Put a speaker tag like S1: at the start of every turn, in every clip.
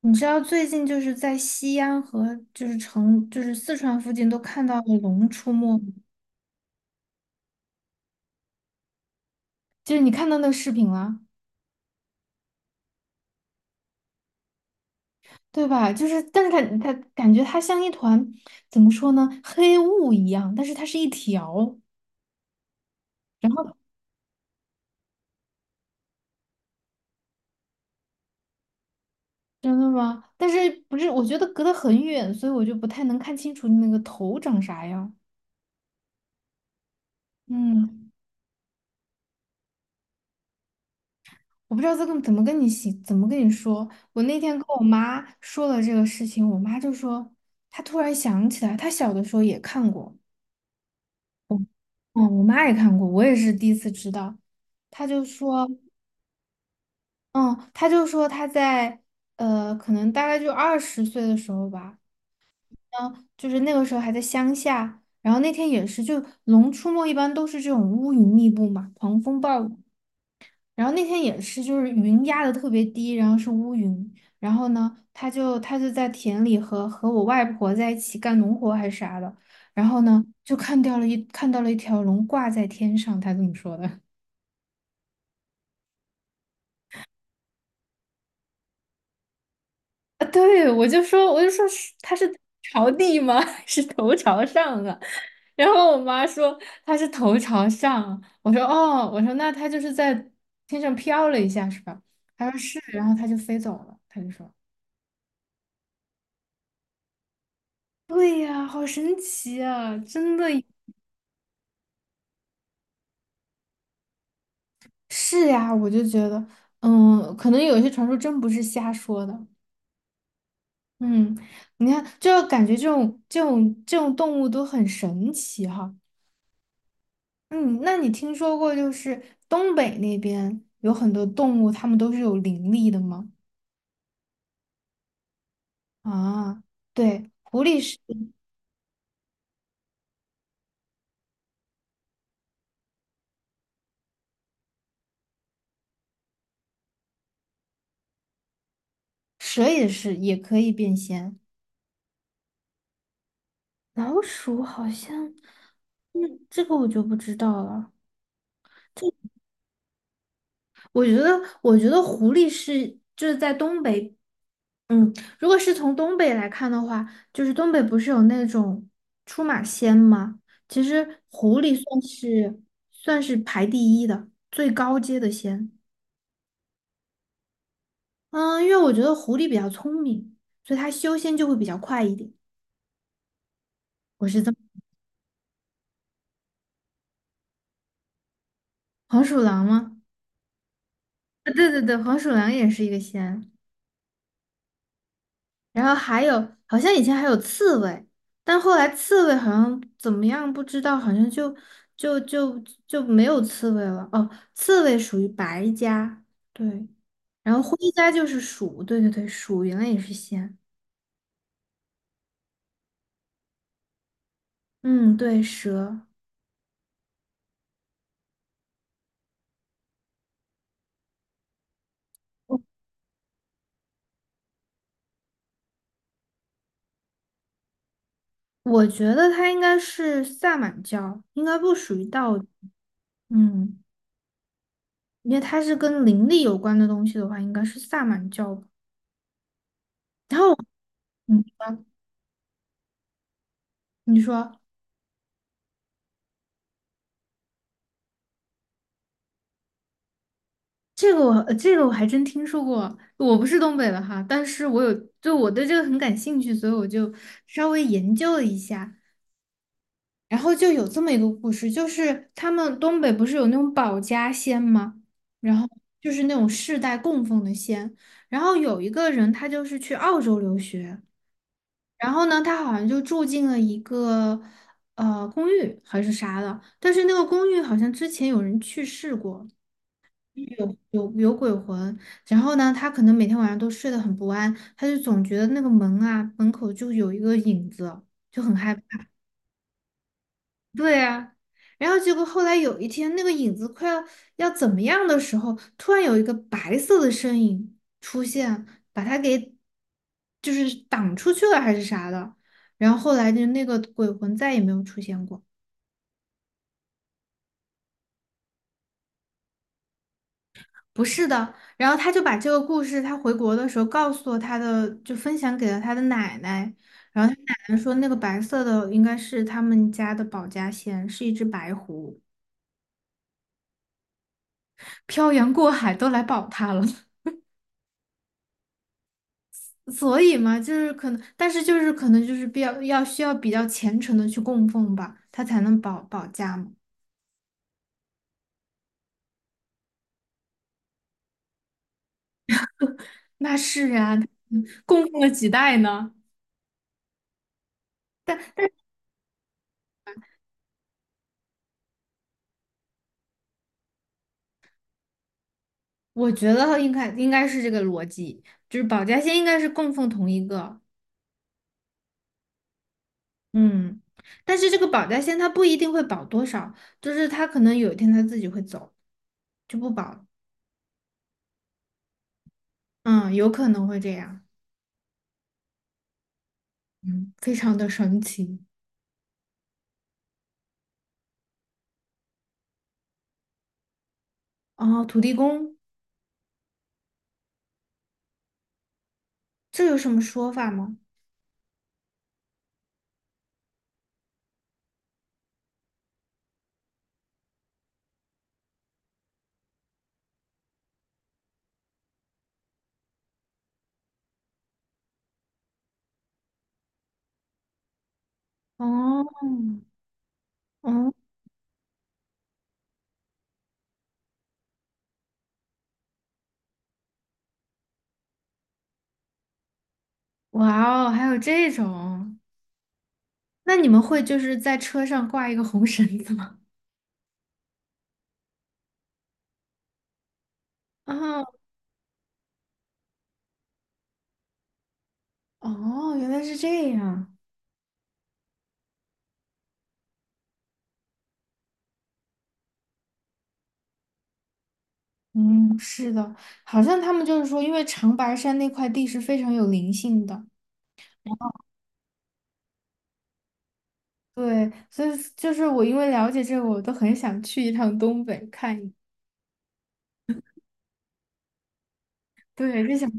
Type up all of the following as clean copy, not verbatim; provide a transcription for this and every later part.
S1: 你知道最近就是在西安和就是成就是四川附近都看到了龙出没吗？就是你看到那个视频了，对吧？就是但是它感觉它像一团，怎么说呢，黑雾一样，但是它是一条。然后，真的吗？但是不是？我觉得隔得很远，所以我就不太能看清楚那个头长啥样。嗯。我不知道这个怎么跟你说。我那天跟我妈说了这个事情，我妈就说她突然想起来，她小的时候也看过。嗯，我妈也看过，我也是第一次知道。她就说，嗯，她就说她在，可能大概就二十岁的时候吧。嗯，就是那个时候还在乡下，然后那天也是，就《龙出没》一般都是这种乌云密布嘛，狂风暴雨。然后那天也是，就是云压的特别低，然后是乌云。然后呢，她就在田里和我外婆在一起干农活还是啥的。然后呢，就看到了一看到了一条龙挂在天上，她这么说的。啊，对，我就说，是他是朝地吗？是头朝上啊？然后我妈说他是头朝上，我说哦，我说那他就是在天上飘了一下是吧？她说是，然后他就飞走了。他就说，对呀，好神奇啊，真的。是呀，我就觉得，嗯，可能有些传说真不是瞎说的。嗯。你看，就感觉这种动物都很神奇哈。嗯。那你听说过就是东北那边有很多动物，它们都是有灵力的吗？啊，对，狐狸是，蛇也是，也可以变仙。老鼠好像，嗯，这个我就不知道了。我觉得，我觉得狐狸是就是在东北，嗯，如果是从东北来看的话，就是东北不是有那种出马仙吗？其实狐狸算是排第一的，最高阶的仙。嗯，因为我觉得狐狸比较聪明，所以它修仙就会比较快一点。我是这么，黄鼠狼吗？啊，对对对，黄鼠狼也是一个仙。然后还有，好像以前还有刺猬，但后来刺猬好像怎么样不知道，好像就就就没有刺猬了。哦，刺猬属于白家，对。然后灰家就是鼠，对对对，鼠原来也是仙。嗯，对，蛇，我我觉得它应该是萨满教，应该不属于道教。嗯。因为它是跟灵力有关的东西的话，应该是萨满教吧。然后，嗯，你说，这个我这个我还真听说过，我不是东北的哈，但是我有，就我对这个很感兴趣，所以我就稍微研究了一下。然后就有这么一个故事，就是他们东北不是有那种保家仙吗？然后就是那种世代供奉的仙。然后有一个人，他就是去澳洲留学。然后呢，他好像就住进了一个，公寓还是啥的，但是那个公寓好像之前有人去世过，有鬼魂。然后呢，他可能每天晚上都睡得很不安，他就总觉得那个门啊门口就有一个影子，就很害怕。对啊。然后结果后来有一天，那个影子要怎么样的时候，突然有一个白色的身影出现，把他给就是挡出去了还是啥的。然后后来就那个鬼魂再也没有出现过。不是的，然后他就把这个故事，他回国的时候告诉了他的，就分享给了他的奶奶。然后他奶奶说，那个白色的应该是他们家的保家仙，是一只白狐，漂洋过海都来保他了。所以嘛，就是可能，但是就是可能就是比较要需要比较虔诚的去供奉吧，他才能保家嘛。那是啊，嗯，供奉了几代呢？我觉得应该是这个逻辑，就是保家仙应该是供奉同一个，嗯，但是这个保家仙他不一定会保多少，就是他可能有一天他自己会走，就不保了。嗯，有可能会这样。嗯，非常的神奇。哦，土地公，这有什么说法吗？哦。哦，哇哦，还有这种，那你们会就是在车上挂一个红绳子吗？啊，哦，原来是这样。嗯，是的，好像他们就是说，因为长白山那块地是非常有灵性的，对，所以就是我因为了解这个，我都很想去一趟东北看一。对，就想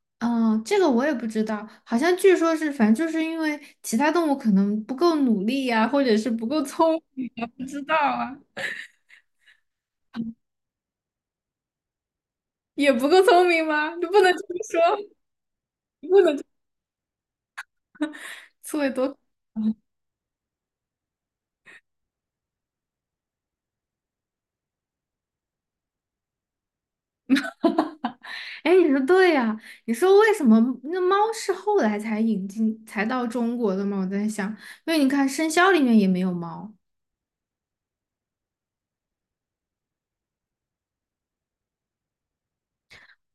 S1: 嗯，这个我也不知道，好像据说是，反正就是因为其他动物可能不够努力呀、或者是不够聪，不知道啊。也不够聪明吗？就不能这么说。刺猬多，哎，你说对呀、你说为什么那猫是后来才引进才到中国的吗？我在想，因为你看生肖里面也没有猫。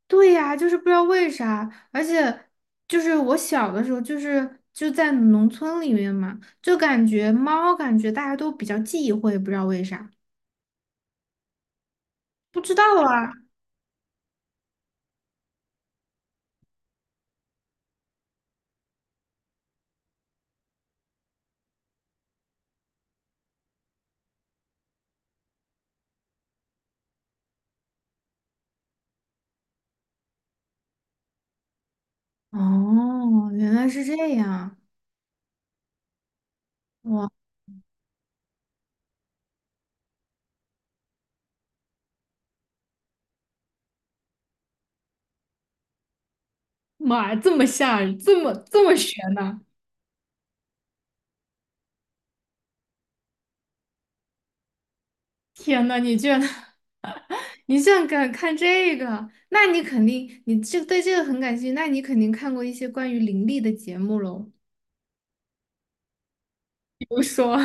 S1: 对呀、就是不知道为啥，而且就是我小的时候，就是就在农村里面嘛，就感觉猫，感觉大家都比较忌讳，不知道为啥。不知道啊。哦，原来是这样。哇，妈呀，这么吓人，这么悬呐！天呐，你居然 你竟然敢看这个？那你肯定，你这对这个很感兴趣，那你肯定看过一些关于灵力的节目喽。比如说，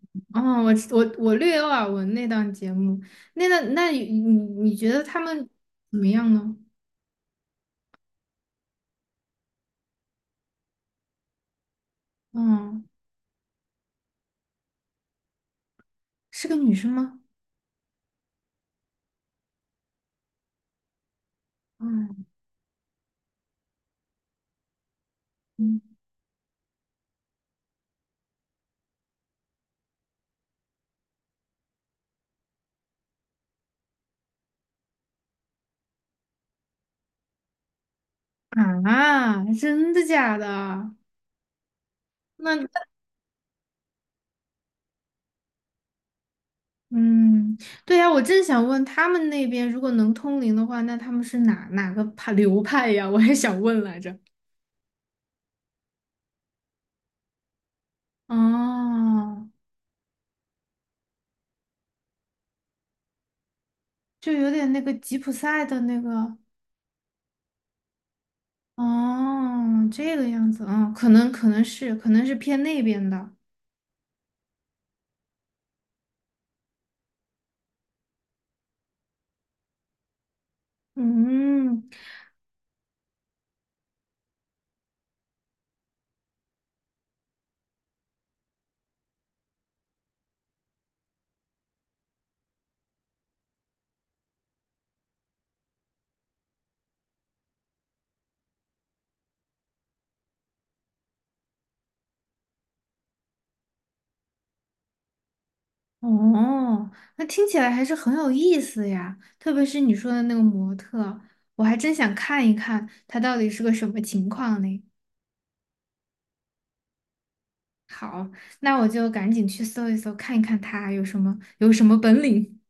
S1: 哦，我我略有耳闻那档节目。那档，那你你觉得他们怎么样呢？嗯，是个女生吗？嗯嗯。啊，真的假的？那，嗯，对呀，我正想问他们那边如果能通灵的话，那他们是哪个派流派呀？我也想问来着。哦，就有点那个吉普赛的那个，哦，这个样子。嗯，可能是可能是偏那边的。嗯，哦，那听起来还是很有意思呀，特别是你说的那个模特，我还真想看一看他到底是个什么情况呢。好，那我就赶紧去搜一搜，看一看他有什么本领。